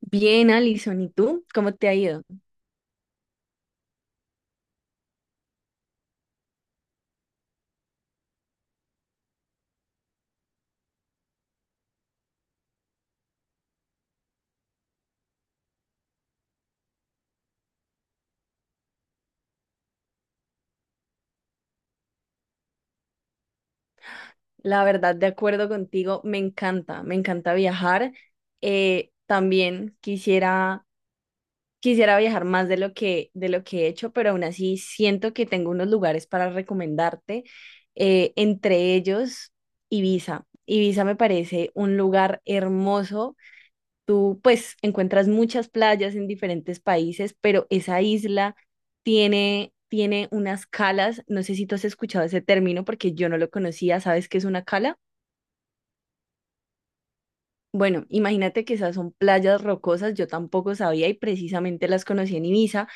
Bien, Alison, ¿y tú? ¿Cómo te ha ido? La verdad, de acuerdo contigo, me encanta viajar. También quisiera, quisiera viajar más de lo que he hecho, pero aún así siento que tengo unos lugares para recomendarte, entre ellos Ibiza. Ibiza me parece un lugar hermoso. Tú pues encuentras muchas playas en diferentes países, pero esa isla tiene unas calas. No sé si tú has escuchado ese término porque yo no lo conocía. ¿Sabes qué es una cala? Bueno, imagínate que esas son playas rocosas, yo tampoco sabía y precisamente las conocí en Ibiza.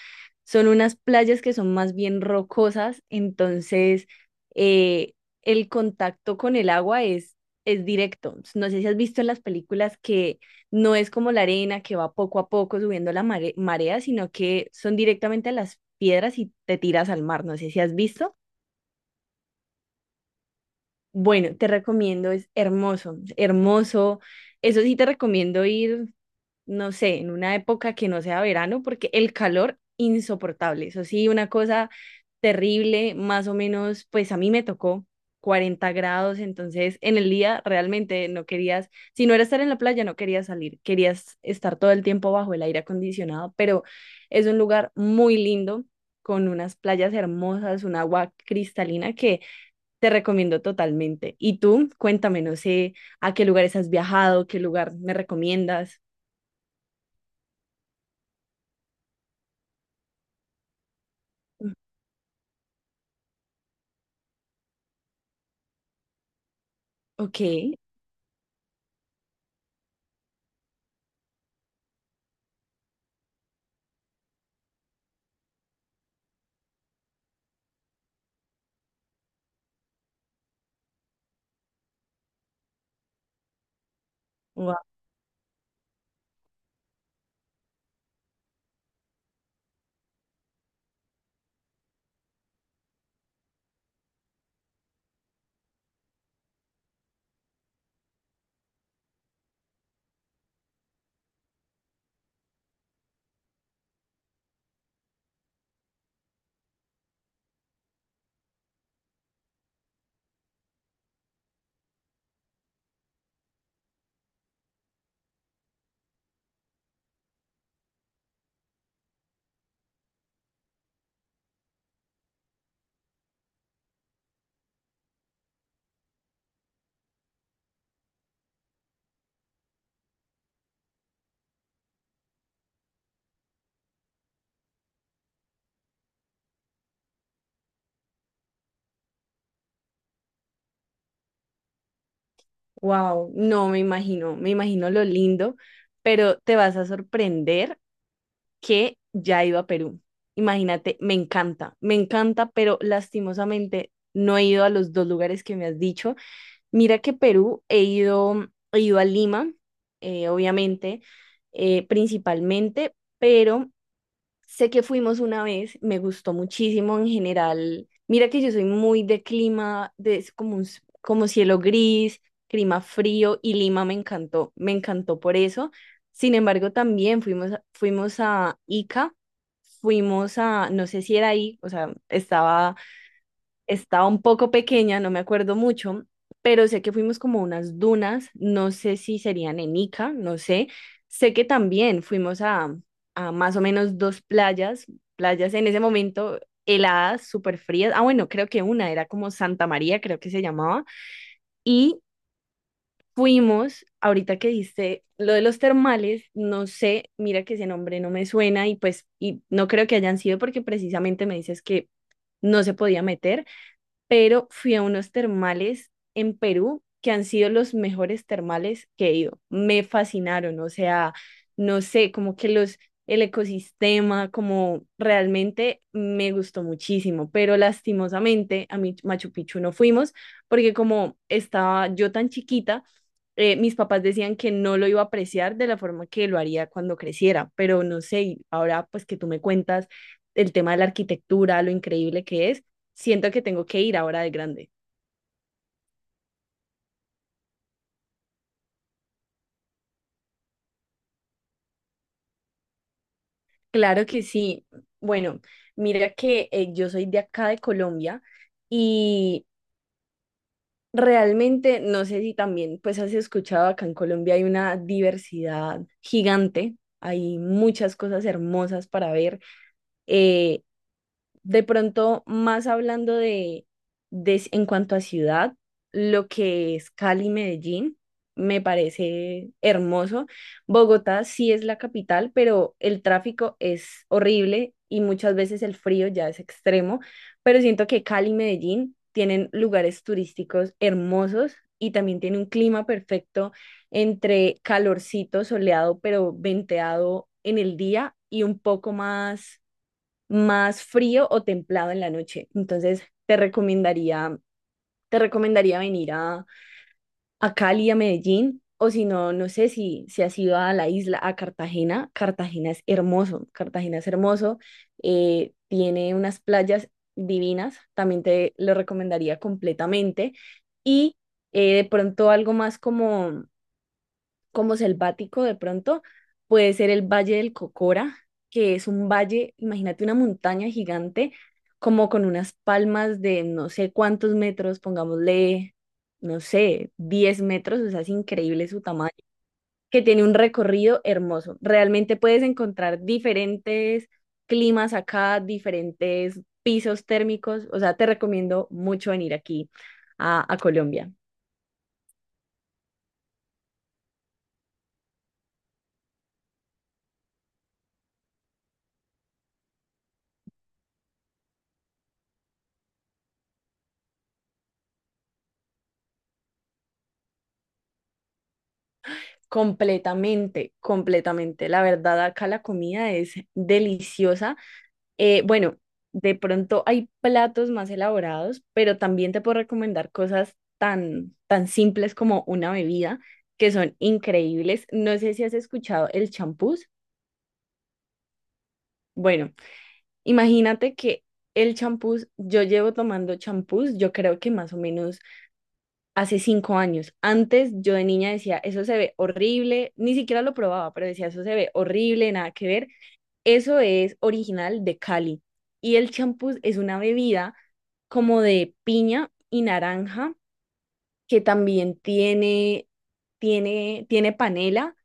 Son unas playas que son más bien rocosas, entonces eh, el contacto con el agua es directo. No sé si has visto en las películas que no es como la arena que va poco a poco subiendo la marea, sino que son directamente a las piedras y te tiras al mar. No sé si has visto. Bueno, te recomiendo, es hermoso, hermoso. Eso sí, te recomiendo ir, no sé, en una época que no sea verano, porque el calor insoportable, eso sí, una cosa terrible. Más o menos, pues a mí me tocó 40 grados, entonces en el día realmente no querías, si no era estar en la playa, no querías salir, querías estar todo el tiempo bajo el aire acondicionado, pero es un lugar muy lindo, con unas playas hermosas, un agua cristalina que te recomiendo totalmente. Y tú, cuéntame, no sé, a qué lugares has viajado, qué lugar me recomiendas. Ok. Wow, no me imagino, me imagino lo lindo, pero te vas a sorprender que ya he ido a Perú. Imagínate, me encanta, pero lastimosamente no he ido a los dos lugares que me has dicho. Mira que Perú he ido a Lima, obviamente, principalmente, pero sé que fuimos una vez, me gustó muchísimo en general. Mira que yo soy muy de clima, de es como un, como cielo gris, clima frío y Lima me encantó por eso. Sin embargo, también fuimos, fuimos a Ica, fuimos a, no sé si era ahí, o sea, estaba un poco pequeña, no me acuerdo mucho, pero sé que fuimos como a unas dunas, no sé si serían en Ica, no sé. Sé que también fuimos a más o menos dos playas, playas en ese momento heladas, súper frías. Ah, bueno, creo que una era como Santa María, creo que se llamaba. Y fuimos, ahorita que dijiste lo de los termales, no sé, mira que ese nombre no me suena y pues y no creo que hayan sido porque precisamente me dices que no se podía meter, pero fui a unos termales en Perú que han sido los mejores termales que he ido. Me fascinaron, o sea, no sé, como que los, el ecosistema, como realmente me gustó muchísimo, pero lastimosamente a mi Machu Picchu no fuimos porque como estaba yo tan chiquita, mis papás decían que no lo iba a apreciar de la forma que lo haría cuando creciera, pero no sé, y ahora pues que tú me cuentas el tema de la arquitectura, lo increíble que es, siento que tengo que ir ahora de grande. Claro que sí. Bueno, mira que yo soy de acá de Colombia y realmente no sé si también pues has escuchado acá en Colombia hay una diversidad gigante. Hay muchas cosas hermosas para ver. Eh, De pronto, más hablando de en cuanto a ciudad, lo que es Cali, Medellín, me parece hermoso. Bogotá sí es la capital, pero el tráfico es horrible y muchas veces el frío ya es extremo, pero siento que Cali y Medellín tienen lugares turísticos hermosos y también tiene un clima perfecto entre calorcito, soleado, pero venteado en el día y un poco más frío o templado en la noche. Entonces, te recomendaría venir a Cali, a Medellín, o si no, no sé si, si has ido a la isla, a Cartagena. Cartagena es hermoso, tiene unas playas divinas, también te lo recomendaría completamente. Y de pronto algo más como como selvático de pronto, puede ser el Valle del Cocora, que es un valle, imagínate una montaña gigante, como con unas palmas de no sé cuántos metros, pongámosle, no sé, 10 metros, o sea, es increíble su tamaño, que tiene un recorrido hermoso. Realmente puedes encontrar diferentes climas acá, diferentes pisos térmicos, o sea, te recomiendo mucho venir aquí a Colombia. Completamente, completamente. La verdad, acá la comida es deliciosa. Bueno, de pronto hay platos más elaborados, pero también te puedo recomendar cosas tan, tan simples como una bebida, que son increíbles. No sé si has escuchado el champús. Bueno, imagínate que el champús, yo llevo tomando champús, yo creo que más o menos hace 5 años. Antes yo de niña decía, eso se ve horrible, ni siquiera lo probaba, pero decía, eso se ve horrible, nada que ver. Eso es original de Cali. Y el champús es una bebida como de piña y naranja, que también tiene panela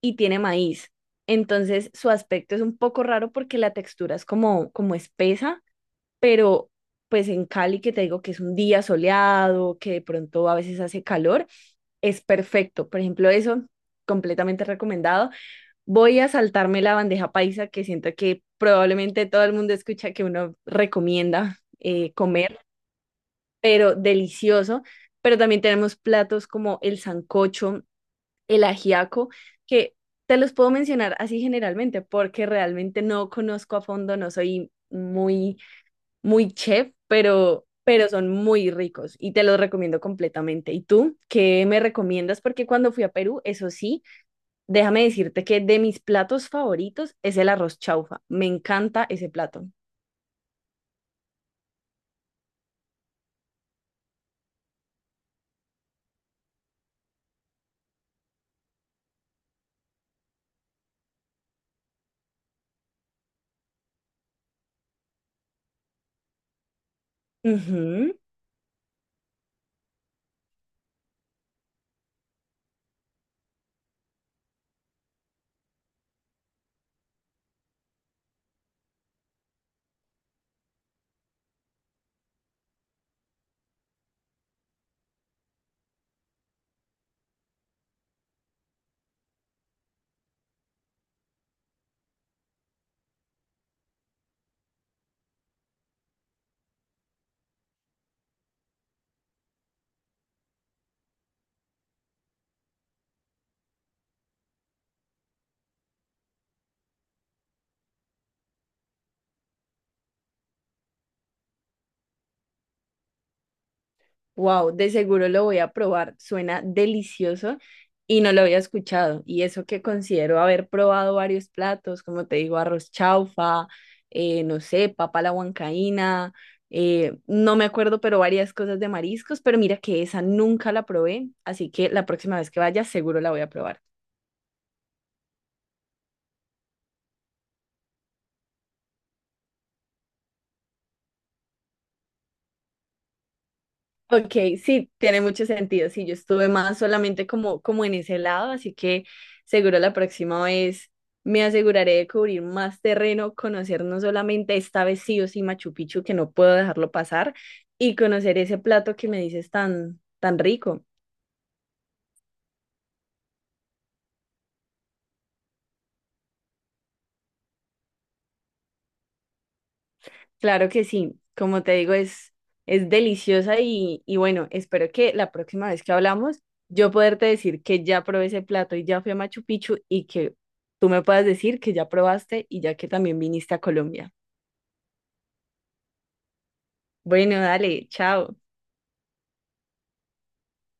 y tiene maíz. Entonces su aspecto es un poco raro porque la textura es como, como espesa, pero pues en Cali que te digo que es un día soleado, que de pronto a veces hace calor, es perfecto. Por ejemplo, eso, completamente recomendado. Voy a saltarme la bandeja paisa, que siento que probablemente todo el mundo escucha que uno recomienda comer, pero delicioso. Pero también tenemos platos como el sancocho, el ajiaco, que te los puedo mencionar así generalmente, porque realmente no conozco a fondo, no soy muy chef, pero son muy ricos y te los recomiendo completamente. ¿Y tú qué me recomiendas? Porque cuando fui a Perú, eso sí, déjame decirte que de mis platos favoritos es el arroz chaufa. Me encanta ese plato. Ujú. Wow, de seguro lo voy a probar. Suena delicioso y no lo había escuchado. Y eso que considero haber probado varios platos, como te digo, arroz chaufa, no sé, papa a la huancaína, no me acuerdo, pero varias cosas de mariscos. Pero mira que esa nunca la probé, así que la próxima vez que vaya seguro la voy a probar. Ok, sí, tiene mucho sentido. Sí, yo estuve más solamente como, como en ese lado, así que seguro la próxima vez me aseguraré de cubrir más terreno, conocer no solamente esta vez sí o sí Machu Picchu, que no puedo dejarlo pasar, y conocer ese plato que me dices tan, tan rico. Claro que sí, como te digo, es deliciosa y bueno, espero que la próxima vez que hablamos yo poderte decir que ya probé ese plato y ya fui a Machu Picchu y que tú me puedas decir que ya probaste y ya que también viniste a Colombia. Bueno, dale, chao.